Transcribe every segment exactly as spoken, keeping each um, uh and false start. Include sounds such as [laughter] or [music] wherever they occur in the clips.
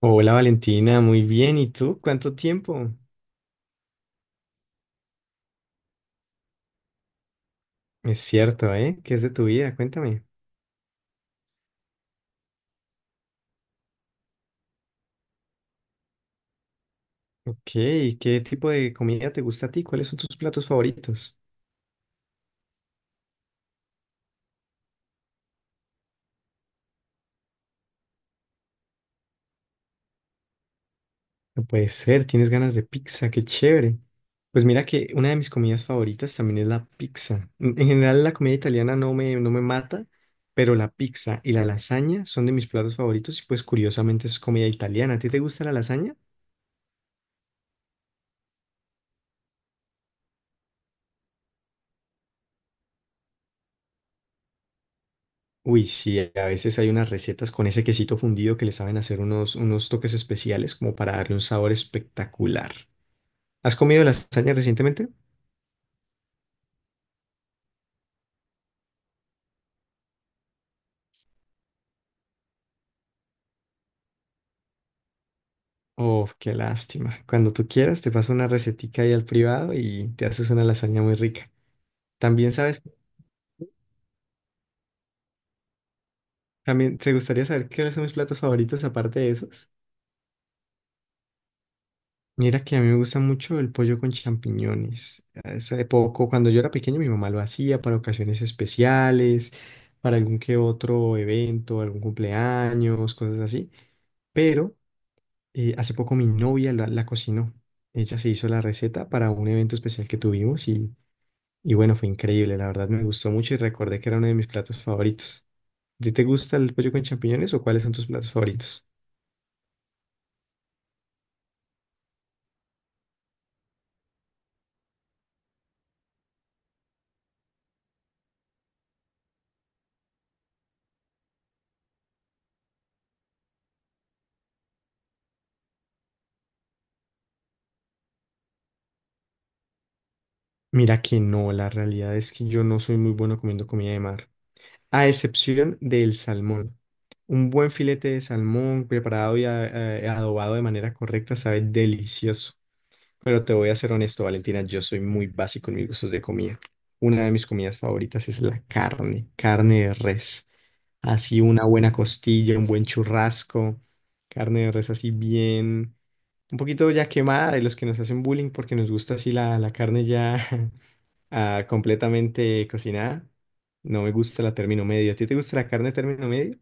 Hola Valentina, muy bien. ¿Y tú? ¿Cuánto tiempo? Es cierto, ¿eh? ¿Qué es de tu vida? Cuéntame. Ok, ¿qué tipo de comida te gusta a ti? ¿Cuáles son tus platos favoritos? No puede ser, tienes ganas de pizza, qué chévere. Pues mira que una de mis comidas favoritas también es la pizza. En en general la comida italiana no me, no me mata, pero la pizza y la lasaña son de mis platos favoritos y pues curiosamente es comida italiana. ¿A ti te gusta la lasaña? Uy, sí, a veces hay unas recetas con ese quesito fundido que le saben hacer unos, unos toques especiales como para darle un sabor espectacular. ¿Has comido lasaña recientemente? Oh, qué lástima. Cuando tú quieras, te paso una recetica ahí al privado y te haces una lasaña muy rica. También sabes, también te gustaría saber qué son mis platos favoritos aparte de esos. Mira que a mí me gusta mucho el pollo con champiñones. Hace poco, cuando yo era pequeño, mi mamá lo hacía para ocasiones especiales, para algún que otro evento, algún cumpleaños, cosas así. Pero eh, hace poco mi novia la, la cocinó. Ella se hizo la receta para un evento especial que tuvimos y, y bueno, fue increíble. La verdad me gustó mucho y recordé que era uno de mis platos favoritos. ¿A ti te gusta el pollo con champiñones o cuáles son tus platos favoritos? Mira que no, la realidad es que yo no soy muy bueno comiendo comida de mar, a excepción del salmón. Un buen filete de salmón preparado y a- eh, adobado de manera correcta sabe delicioso. Pero te voy a ser honesto, Valentina, yo soy muy básico en mis gustos de comida. Una de mis comidas favoritas es la carne, carne de res. Así una buena costilla, un buen churrasco, carne de res así bien un poquito ya quemada de los que nos hacen bullying porque nos gusta así la, la carne ya [laughs] ah, completamente cocinada. No me gusta la término medio. ¿A ti te gusta la carne término medio?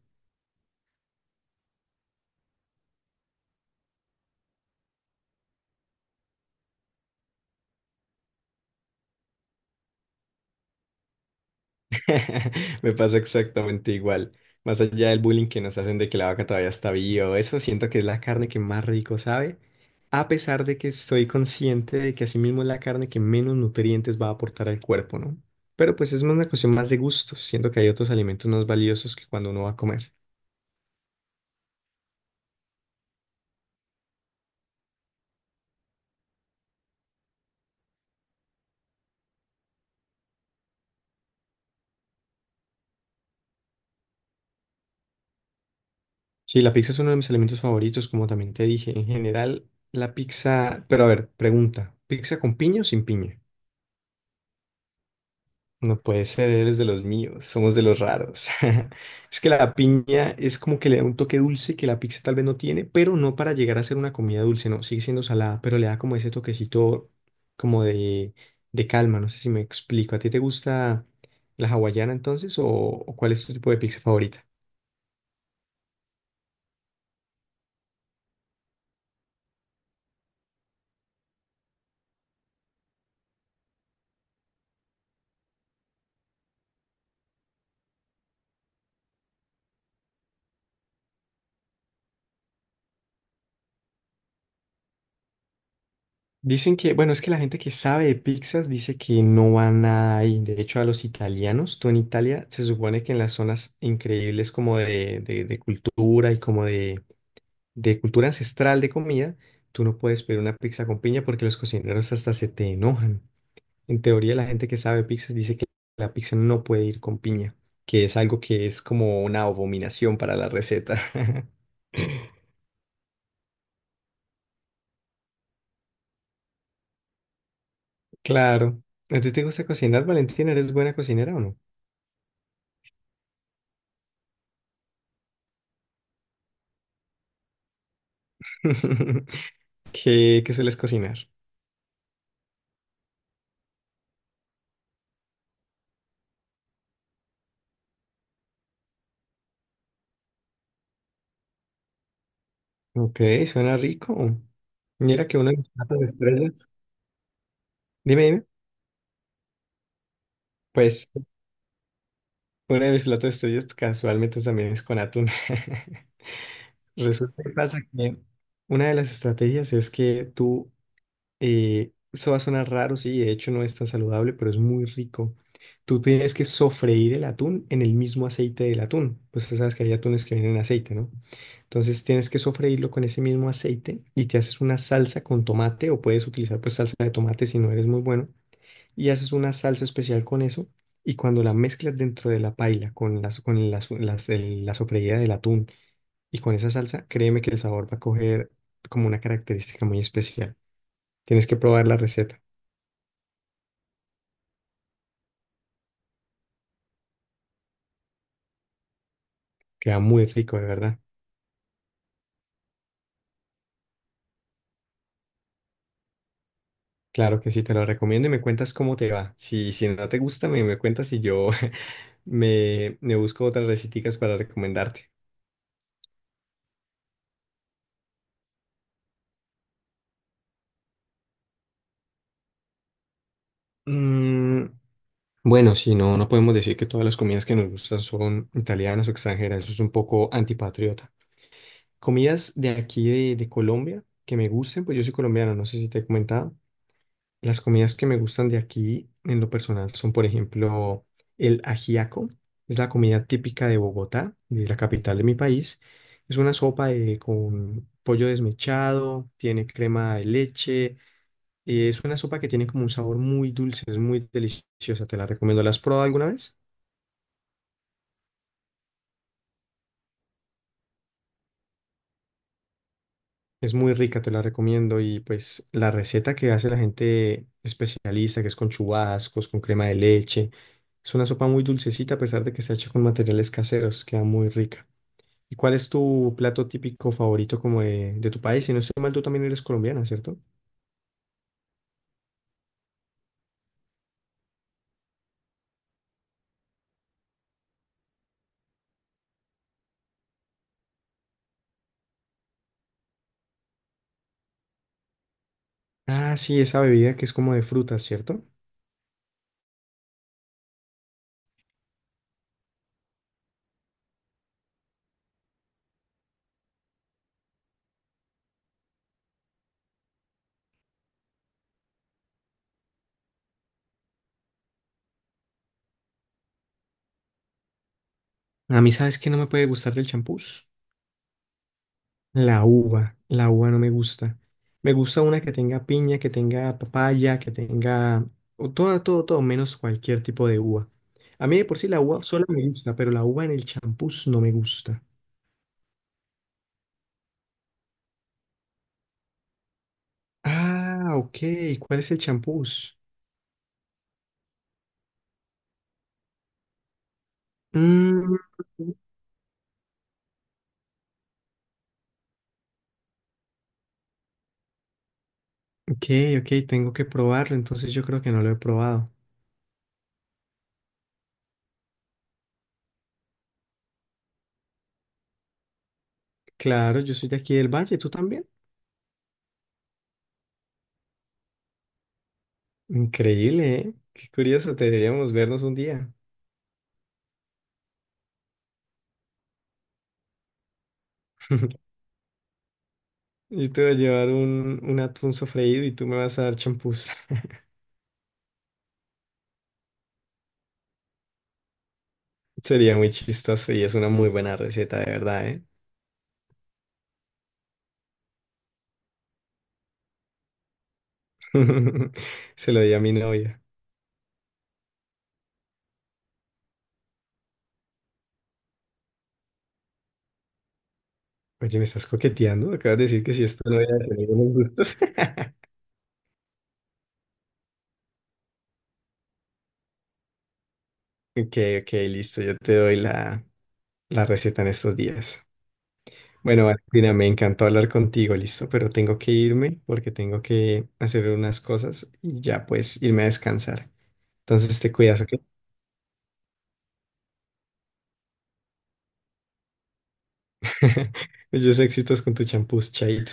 [laughs] Me pasa exactamente igual. Más allá del bullying que nos hacen de que la vaca todavía está viva, o eso siento que es la carne que más rico sabe, a pesar de que estoy consciente de que asimismo es la carne que menos nutrientes va a aportar al cuerpo, ¿no? Pero pues es más una cuestión más de gustos, siento que hay otros alimentos más valiosos que cuando uno va a comer. Sí, la pizza es uno de mis alimentos favoritos, como también te dije. En general, la pizza. Pero a ver, pregunta: ¿pizza con piña o sin piña? No puede ser, eres de los míos, somos de los raros. [laughs] Es que la piña es como que le da un toque dulce que la pizza tal vez no tiene, pero no para llegar a ser una comida dulce, no, sigue siendo salada, pero le da como ese toquecito como de, de calma. No sé si me explico. ¿A ti te gusta la hawaiana entonces o, o cuál es tu tipo de pizza favorita? Dicen que, bueno, es que la gente que sabe de pizzas dice que no va nada ahí. De hecho, a los italianos, tú en Italia, se supone que en las zonas increíbles como de, de, de cultura y como de, de cultura ancestral de comida, tú no puedes pedir una pizza con piña porque los cocineros hasta se te enojan. En teoría, la gente que sabe de pizzas dice que la pizza no puede ir con piña, que es algo que es como una abominación para la receta. [laughs] Claro. ¿A ti te gusta cocinar, Valentina? ¿Eres buena cocinera o no? [laughs] ¿Qué, qué sueles cocinar? Ok, suena rico. Mira que uno de mis platos de estrellas. Dime, dime. Pues uno de mis platos de estrellas casualmente también es con atún. [laughs] Resulta que pasa que una de las estrategias es que tú Eh, eso va a sonar raro, sí, de hecho no es tan saludable, pero es muy rico. Tú tienes que sofreír el atún en el mismo aceite del atún. Pues tú sabes que hay atunes que vienen en aceite, ¿no? Entonces tienes que sofreírlo con ese mismo aceite y te haces una salsa con tomate o puedes utilizar pues salsa de tomate si no eres muy bueno y haces una salsa especial con eso y cuando la mezclas dentro de la paila con las con las, las- el- la sofreída del atún y con esa salsa, créeme que el sabor va a coger como una característica muy especial. Tienes que probar la receta. Queda muy rico, de verdad. Claro que sí, te lo recomiendo y me cuentas cómo te va. Si, si no te gusta, me, me cuentas y yo [laughs] me, me busco otras receticas para recomendarte. Mm, bueno, si no, no podemos decir que todas las comidas que nos gustan son italianas o extranjeras. Eso es un poco antipatriota. Comidas de aquí de, de Colombia que me gusten, pues yo soy colombiano, no sé si te he comentado. Las comidas que me gustan de aquí, en lo personal, son, por ejemplo, el ajiaco. Es la comida típica de Bogotá, de la capital de mi país. Es una sopa de- con pollo desmechado, tiene crema de leche. Eh, es una sopa que tiene como un sabor muy dulce, es muy deliciosa. Te la recomiendo. ¿La has probado alguna vez? Es muy rica, te la recomiendo. Y pues la receta que hace la gente especialista, que es con chubascos, con crema de leche, es una sopa muy dulcecita a pesar de que está hecha con materiales caseros, queda muy rica. ¿Y cuál es tu plato típico favorito como de, de tu país? Si no estoy mal, tú también eres colombiana, ¿cierto? Ah, sí, esa bebida que es como de frutas, ¿cierto? A mí, ¿sabes qué no me puede gustar del champús? La uva, la uva no me gusta. Me gusta una que tenga piña, que tenga papaya, que tenga o todo, todo, todo, menos cualquier tipo de uva. A mí de por sí la uva sola me gusta, pero la uva en el champús no me gusta. Ah, ok. ¿Cuál es el champús? Mm, ok, ok, tengo que probarlo, entonces yo creo que no lo he probado. Claro, yo soy de aquí del Valle, ¿tú también? Increíble, ¿eh? Qué curioso, deberíamos vernos un día. Yo te voy a llevar un, un atún sofreído y tú me vas a dar champús. [laughs] Sería muy chistoso y es una muy buena receta, de verdad, ¿eh? [laughs] Se lo di a mi novia. Oye, ¿me estás coqueteando? Acabas de decir que si esto no era de tener unos gustos. [laughs] Ok, ok, listo. Yo te doy la, la receta en estos días. Bueno, Valentina, me encantó hablar contigo, listo, pero tengo que irme porque tengo que hacer unas cosas y ya pues irme a descansar. Entonces te cuidas, ¿ok? [laughs] Muchos éxitos con tu champús, chaito.